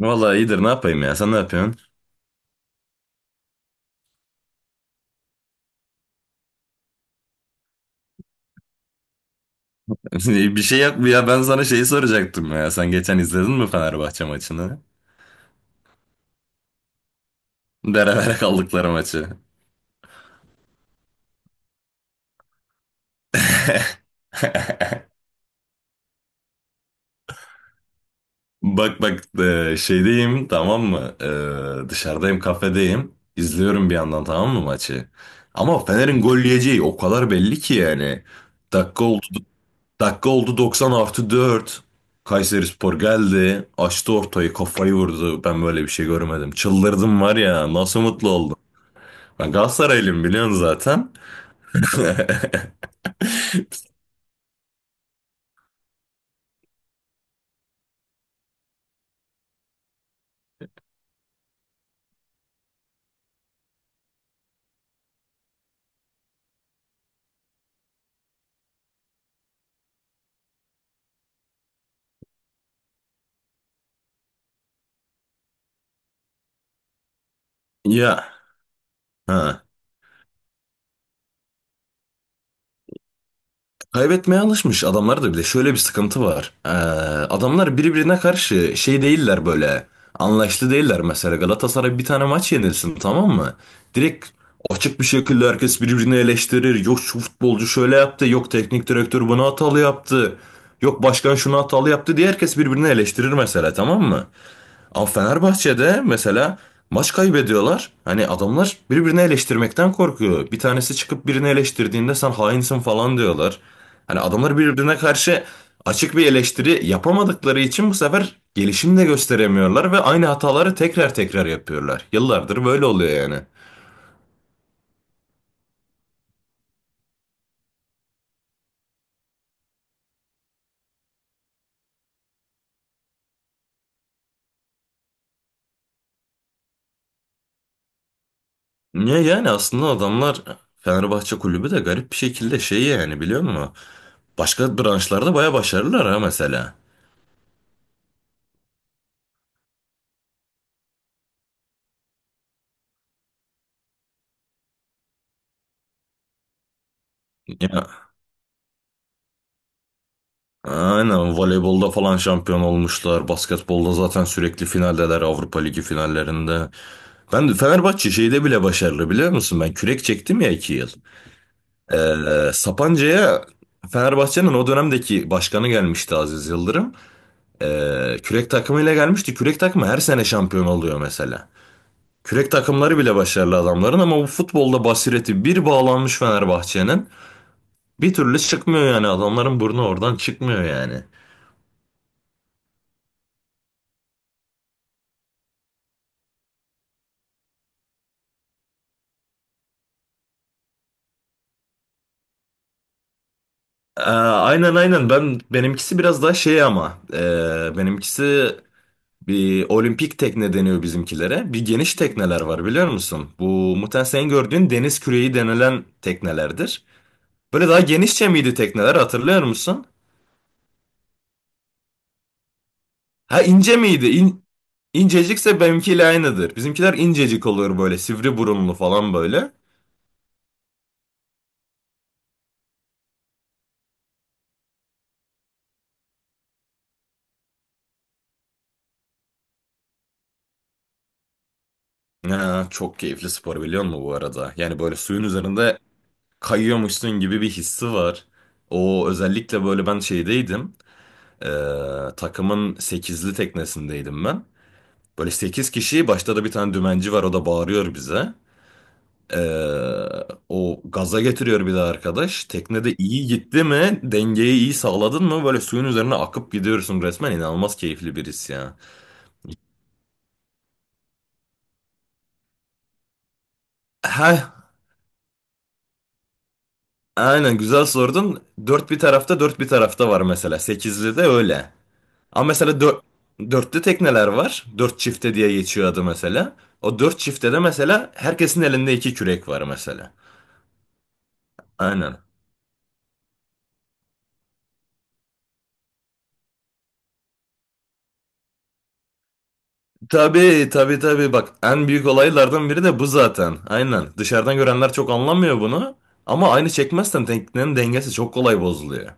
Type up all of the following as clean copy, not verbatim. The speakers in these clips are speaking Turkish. Vallahi iyidir, ne yapayım ya, sen ne yapıyorsun? Bir şey yap ya, ben sana şeyi soracaktım ya, sen geçen izledin mi Fenerbahçe maçını? Berabere kaldıkları maçı. Bak bak, şeydeyim, tamam mı? Dışarıdayım, kafedeyim. İzliyorum bir yandan, tamam mı maçı? Ama Fener'in gol yiyeceği o kadar belli ki yani. Dakika oldu, Dakika oldu, 90 artı 4. Kayserispor geldi. Açtı ortayı, kafayı vurdu. Ben böyle bir şey görmedim. Çıldırdım var ya, nasıl mutlu. Ben Galatasaraylıyım, biliyorsun zaten. Ya, ha. Kaybetmeye alışmış adamlar da bir de şöyle bir sıkıntı var. Adamlar birbirine karşı şey değiller böyle. Anlaştı değiller mesela. Galatasaray bir tane maç yenilsin, tamam mı? Direkt açık bir şekilde herkes birbirini eleştirir. Yok, şu futbolcu şöyle yaptı. Yok, teknik direktör bunu hatalı yaptı. Yok, başkan şunu hatalı yaptı diye herkes birbirini eleştirir mesela, tamam mı? Ama Fenerbahçe'de mesela maç kaybediyorlar. Hani adamlar birbirini eleştirmekten korkuyor. Bir tanesi çıkıp birini eleştirdiğinde sen hainsin falan diyorlar. Hani adamlar birbirine karşı açık bir eleştiri yapamadıkları için bu sefer gelişim de gösteremiyorlar ve aynı hataları tekrar tekrar yapıyorlar. Yıllardır böyle oluyor yani. Niye yani, aslında adamlar Fenerbahçe kulübü de garip bir şekilde şey yani, biliyor musun? Başka branşlarda baya başarılılar, ha, mesela. Ya, aynen, voleybolda falan şampiyon olmuşlar. Basketbolda zaten sürekli finaldeler, Avrupa Ligi finallerinde. Ben de Fenerbahçe şeyde bile başarılı, biliyor musun? Ben kürek çektim ya, 2 yıl. Sapanca'ya Fenerbahçe'nin o dönemdeki başkanı gelmişti, Aziz Yıldırım. Kürek takımıyla gelmişti. Kürek takımı her sene şampiyon oluyor mesela. Kürek takımları bile başarılı adamların, ama bu futbolda basireti bir bağlanmış Fenerbahçe'nin. Bir türlü çıkmıyor yani, adamların burnu oradan çıkmıyor yani. Aynen aynen, benimkisi biraz daha şey ama benimkisi bir olimpik tekne deniyor bizimkilere. Bir geniş tekneler var, biliyor musun? Bu muhtemelen senin gördüğün deniz küreği denilen teknelerdir. Böyle daha genişçe miydi tekneler, hatırlıyor musun? Ha, ince miydi? İncecikse benimkiyle aynıdır. Bizimkiler incecik olur, böyle sivri burunlu falan böyle. Ya, çok keyifli spor, biliyor musun bu arada? Yani böyle suyun üzerinde kayıyormuşsun gibi bir hissi var. O özellikle böyle, ben şeydeydim. Ee, Takımın sekizli teknesindeydim ben. Böyle 8 kişi, başta da bir tane dümenci var, o da bağırıyor bize. O gaza getiriyor bir de arkadaş. Teknede iyi gitti mi? Dengeyi iyi sağladın mı? Böyle suyun üzerine akıp gidiyorsun resmen. İnanılmaz keyifli bir his ya. Heh, aynen, güzel sordun. Dört bir tarafta dört bir tarafta var mesela. Sekizli de öyle. Ama mesela dörtte tekneler var. Dört çifte diye geçiyor adı mesela. O dört çifte de mesela herkesin elinde iki kürek var mesela. Aynen. Tabii tabii tabii, bak, en büyük olaylardan biri de bu zaten. Aynen. Dışarıdan görenler çok anlamıyor bunu. Ama aynı çekmezsen teknenin dengesi çok kolay bozuluyor.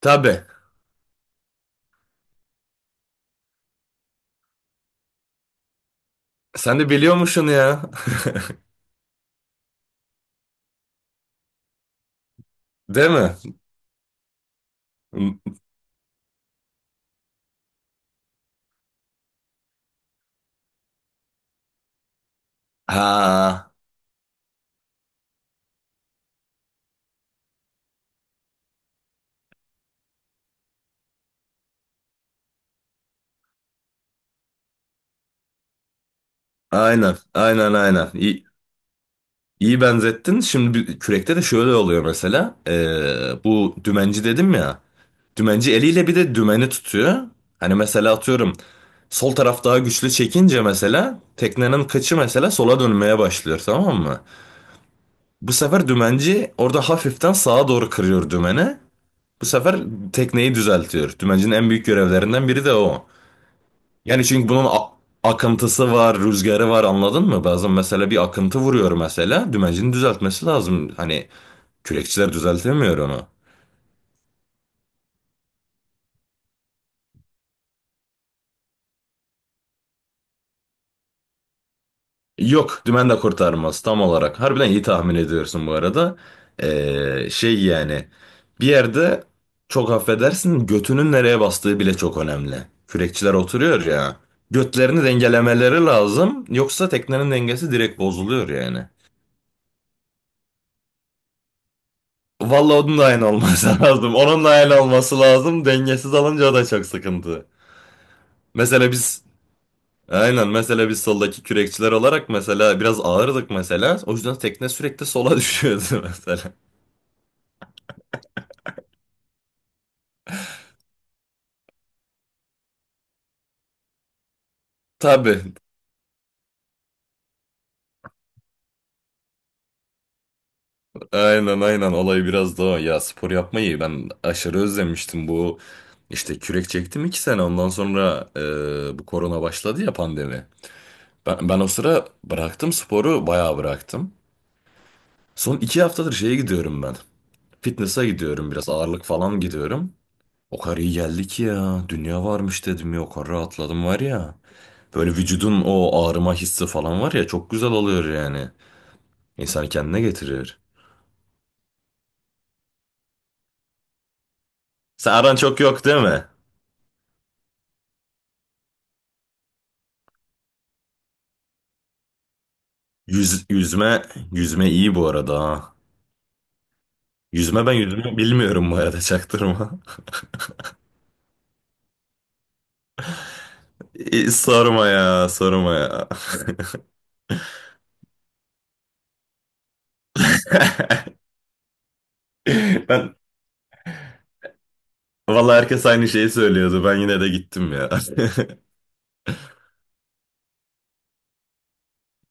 Tabii. Sen de biliyormuşsun ya. Değil mi? Ha, aynen aynen aynen. İyi benzettin. Şimdi kürekte de şöyle oluyor mesela. Bu dümenci dedim ya. Dümenci eliyle bir de dümeni tutuyor. Hani mesela atıyorum, sol taraf daha güçlü çekince mesela teknenin kıçı mesela sola dönmeye başlıyor, tamam mı? Bu sefer dümenci orada hafiften sağa doğru kırıyor dümeni. Bu sefer tekneyi düzeltiyor. Dümencinin en büyük görevlerinden biri de o. Yani çünkü bunun akıntısı var, rüzgarı var, anladın mı? Bazen mesela bir akıntı vuruyor mesela. Dümencinin düzeltmesi lazım. Hani kürekçiler düzeltemiyor onu. Yok, dümen de kurtarmaz tam olarak. Harbiden iyi tahmin ediyorsun bu arada. Şey yani, bir yerde çok affedersin götünün nereye bastığı bile çok önemli. Kürekçiler oturuyor ya. Götlerini dengelemeleri lazım. Yoksa teknenin dengesi direkt bozuluyor yani. Vallahi onun da aynı olması lazım. Onun da aynı olması lazım. Dengesiz alınca o da çok sıkıntı. Mesela biz Aynen, mesela biz soldaki kürekçiler olarak mesela biraz ağırdık mesela. O yüzden tekne sürekli sola düşüyordu mesela. Tabii. Aynen aynen, olay biraz da o. Ya, spor yapmayı ben aşırı özlemiştim. Bu işte kürek çektim 2 sene, ondan sonra bu korona başladı ya, pandemi. Ben o sıra bıraktım sporu, bayağı bıraktım. Son 2 haftadır şeye gidiyorum ben. Fitness'a gidiyorum, biraz ağırlık falan gidiyorum. O kadar iyi geldi ki ya, dünya varmış dedim ya, o kadar rahatladım var ya. Böyle vücudun o ağrıma hissi falan var ya, çok güzel oluyor yani. İnsanı kendine getiriyor. Sen aran çok yok değil mi? Yüz, yüzme, yüzme iyi bu arada, ha. Yüzme, ben yüzme bilmiyorum bu arada, çaktırma. İyi, sorma ya, sorma ya. Ben, vallahi herkes aynı şeyi söylüyordu. Ben yine de gittim ya.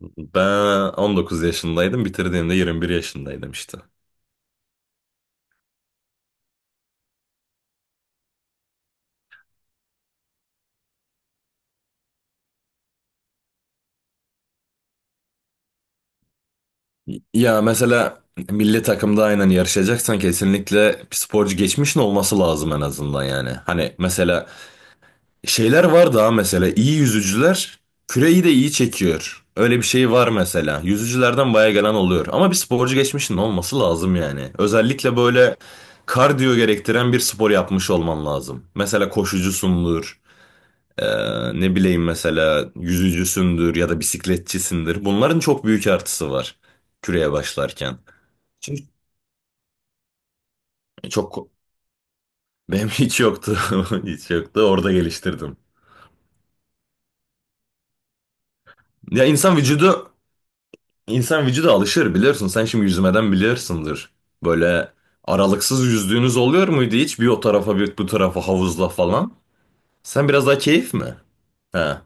Ben 19 yaşındaydım, bitirdiğimde 21 yaşındaydım işte. Ya mesela milli takımda aynen yarışacaksan kesinlikle bir sporcu geçmişin olması lazım, en azından yani. Hani mesela şeyler var daha, mesela iyi yüzücüler küreyi de iyi çekiyor. Öyle bir şey var mesela. Yüzücülerden baya gelen oluyor. Ama bir sporcu geçmişin olması lazım yani. Özellikle böyle kardiyo gerektiren bir spor yapmış olman lazım. Mesela koşucusundur. Ne bileyim, mesela yüzücüsündür ya da bisikletçisindir. Bunların çok büyük artısı var küreye başlarken. Çünkü çok benim hiç yoktu. Hiç yoktu. Orada geliştirdim. Ya, insan vücudu alışır, biliyorsun. Sen şimdi yüzmeden biliyorsundur. Böyle aralıksız yüzdüğünüz oluyor muydu hiç? Bir o tarafa bir bu tarafa havuzla falan. Sen biraz daha keyif mi? Ha.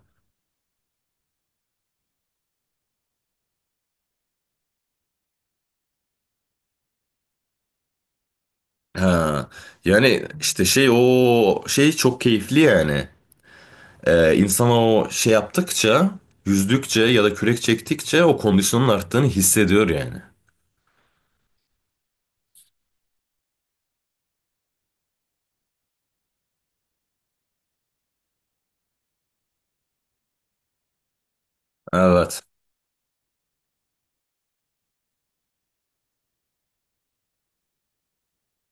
Ha. Yani işte şey o şey çok keyifli yani. İnsana o şey yaptıkça, yüzdükçe ya da kürek çektikçe o kondisyonun arttığını hissediyor yani. Evet.